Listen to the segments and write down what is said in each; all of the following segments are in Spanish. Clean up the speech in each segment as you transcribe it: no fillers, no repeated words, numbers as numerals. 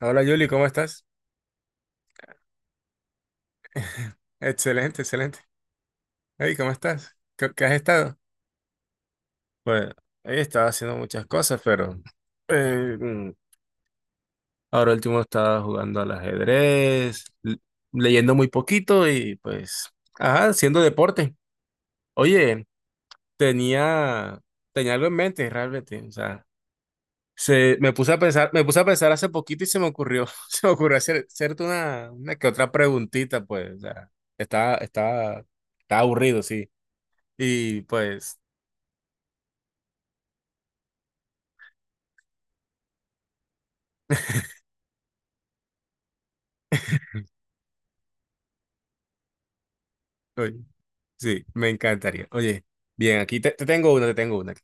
Hola Yuli, ¿cómo estás? Excelente, excelente. Hey, ¿cómo estás? ¿¿Qué has estado? Pues he estado haciendo muchas cosas, pero eh, mm, ahora último estaba jugando al ajedrez, leyendo muy poquito y pues, ajá, haciendo deporte. Oye, tenía, tenía algo en mente realmente, o sea, me puse a pensar, me puse a pensar hace poquito y se me ocurrió, se me ocurrió hacer, hacerte una que otra preguntita, pues, o sea, estaba, estaba, estaba aburrido, sí. Y pues, oye, sí, me encantaría. Oye, bien, te tengo una, te tengo una.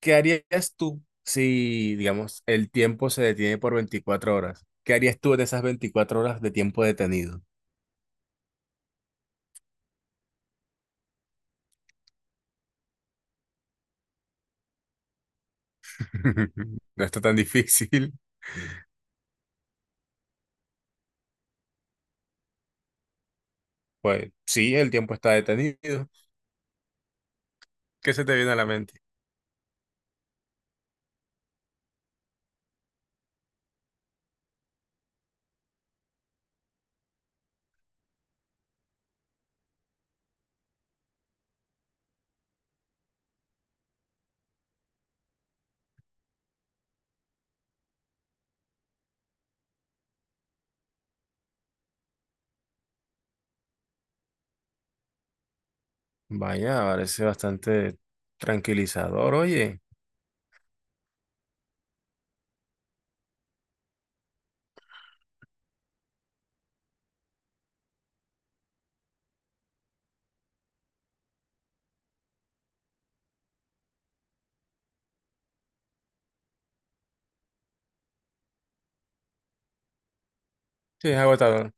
¿Qué harías tú si, digamos, el tiempo se detiene por 24 horas? ¿Qué harías tú en esas 24 horas de tiempo detenido? No está tan difícil. Pues sí, el tiempo está detenido. ¿Qué se te viene a la mente? Vaya, parece bastante tranquilizador, oye. Sí, es agotador.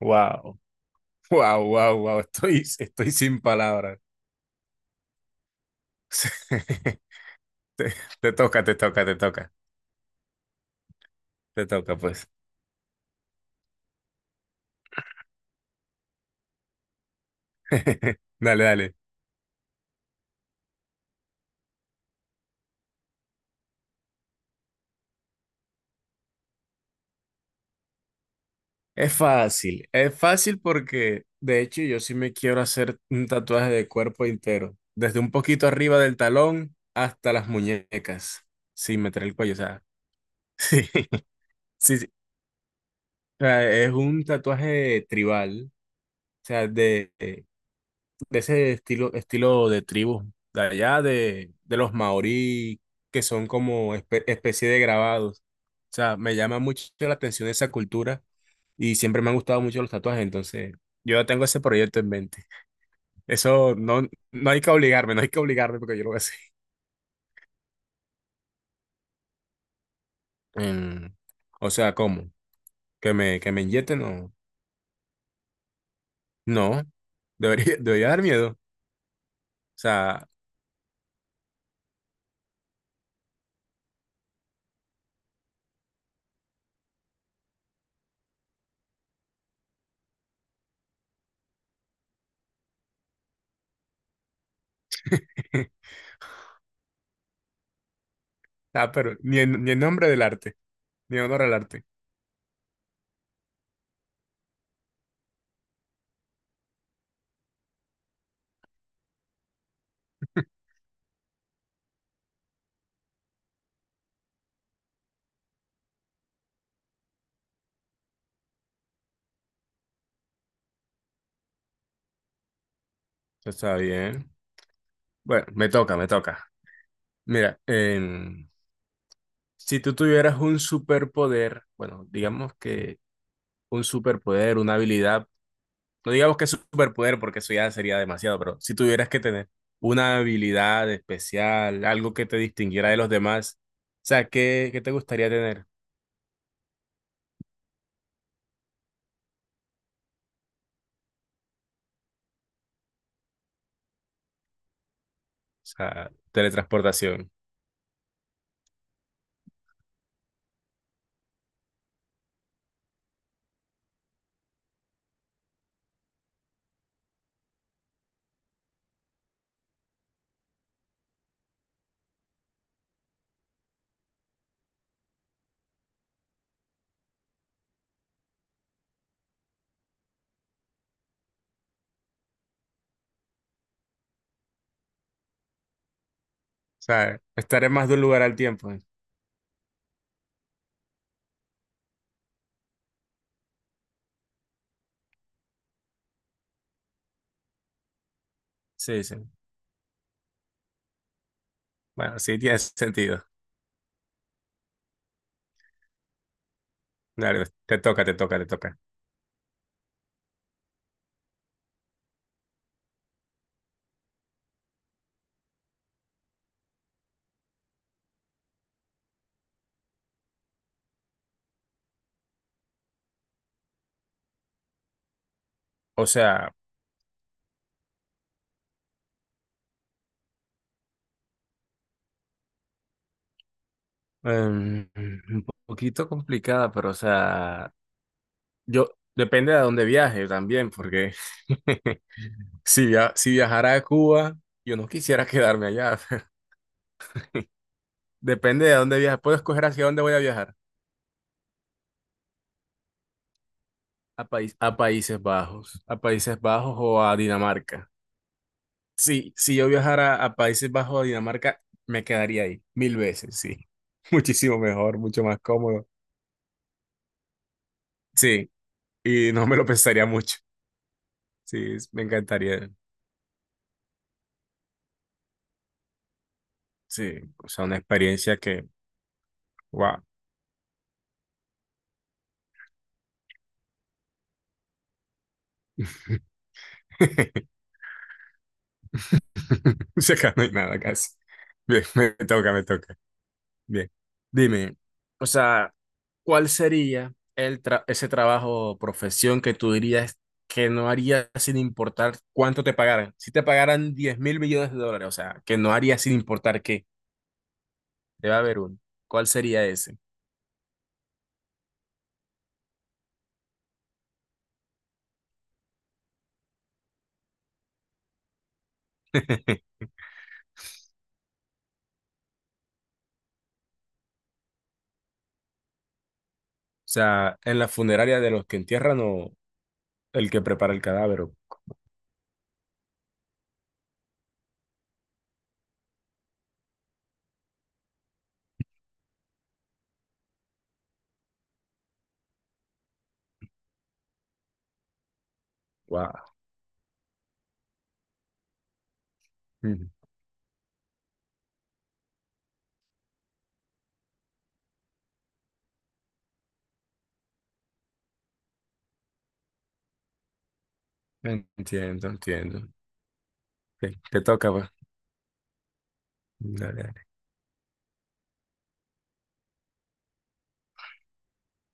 Wow, wow, wow, wow. Estoy, estoy sin palabras. Te, te toca, te toca, te toca, te toca, pues. Dale, dale. Es fácil porque de hecho yo sí me quiero hacer un tatuaje de cuerpo entero, desde un poquito arriba del talón hasta las muñecas, sin meter el cuello, o sea, sí, sí, sí. O sea, es un tatuaje tribal, o sea, de ese estilo, estilo de tribu, de los maorí, que son como especie de grabados. O sea, me llama mucho la atención esa cultura y siempre me han gustado mucho los tatuajes, entonces yo ya tengo ese proyecto en mente. Eso no, no hay que obligarme, no hay que obligarme porque yo lo voy a hacer. Em, o sea, ¿cómo? ¿Que me inyecten? No, no, debería, debería dar miedo. O sea, ah, pero ni en nombre del arte, ni en honor al arte. Está bien. Bueno, me toca, me toca. Mira, si tú tuvieras un superpoder, bueno, digamos que un superpoder, una habilidad, no digamos que superpoder porque eso ya sería demasiado, pero si tuvieras que tener una habilidad especial, algo que te distinguiera de los demás, o sea, ¿¿qué te gustaría tener? O sea, teletransportación. O sea, estar en más de un lugar al tiempo. Sí, sí. Bueno, sí tiene sentido. Dale, te toca, te toca, te toca. O sea... un poquito complicada, pero o sea, yo depende de a dónde viaje también, porque si viajara a Cuba, yo no quisiera quedarme allá. Depende de a dónde viaje. Puedo escoger hacia dónde voy a viajar. A Países Bajos o a Dinamarca. Sí, si yo viajara a Países Bajos o a Dinamarca, me quedaría ahí mil veces, sí. Muchísimo mejor, mucho más cómodo. Sí, y no me lo pensaría mucho. Sí, me encantaría. Sí, o sea, una experiencia que, wow. O sea, acá no hay nada casi. Bien, me toca, me toca. Bien. Dime, o sea, ¿cuál sería el ese trabajo o profesión que tú dirías que no harías sin importar cuánto te pagaran? Si te pagaran 10.000 millones de dólares, o sea, que no harías sin importar qué, debe haber uno. ¿Cuál sería ese? O sea, en la funeraria de los que entierran o el que prepara el cadáver. Wow. Entiendo, entiendo. Ok, te toca, pues. Dale, dale.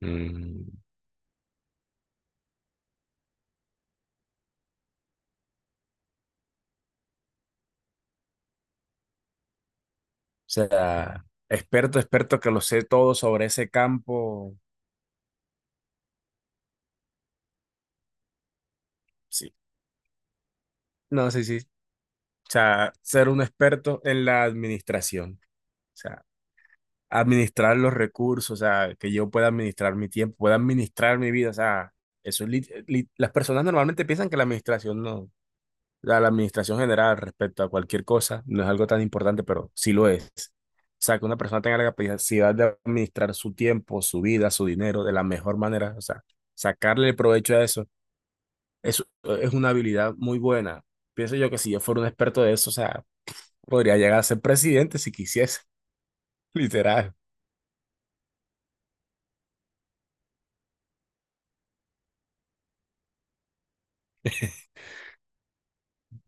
Mm, o sea, experto, experto que lo sé todo sobre ese campo. Sí. No, sí, sí. O sea, ser un experto en la administración. O sea, administrar los recursos, o sea, que yo pueda administrar mi tiempo, pueda administrar mi vida. O sea, eso, las personas normalmente piensan que la administración no. La administración general respecto a cualquier cosa no es algo tan importante, pero sí lo es. O sea, que una persona tenga la capacidad de administrar su tiempo, su vida, su dinero de la mejor manera, o sea, sacarle el provecho a eso, eso es una habilidad muy buena. Pienso yo que si yo fuera un experto de eso, o sea, podría llegar a ser presidente si quisiese, literal.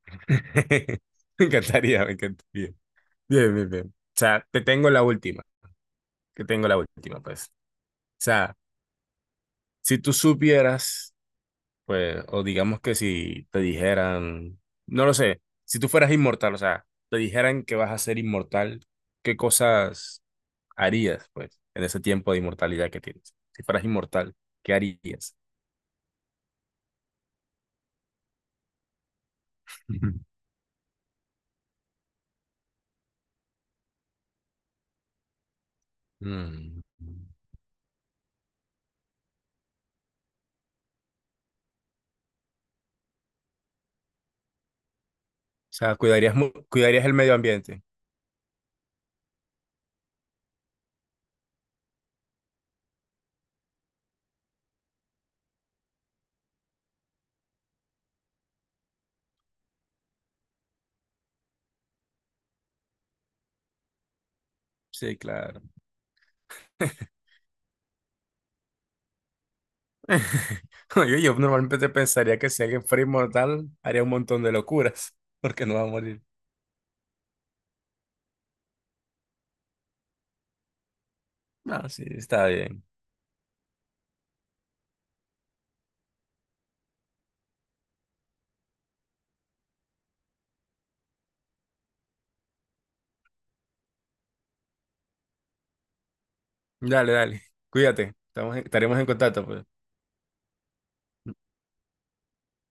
Me encantaría, me encantaría. Bien, bien, bien. O sea, te tengo la última, que tengo la última, pues. O sea, si tú supieras pues, o digamos que si te dijeran, no lo sé, si tú fueras inmortal, o sea, te dijeran que vas a ser inmortal, ¿qué cosas harías, pues, en ese tiempo de inmortalidad que tienes? Si fueras inmortal, ¿qué harías? Ujú. Mm. O sea, cuidarías el medio ambiente. Sí, claro. Yo normalmente pensaría que si alguien fuera inmortal, haría un montón de locuras, porque no va a morir. No, sí, está bien. Dale, dale. Cuídate. Estamos estaremos en contacto, pues.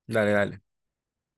Dale, dale.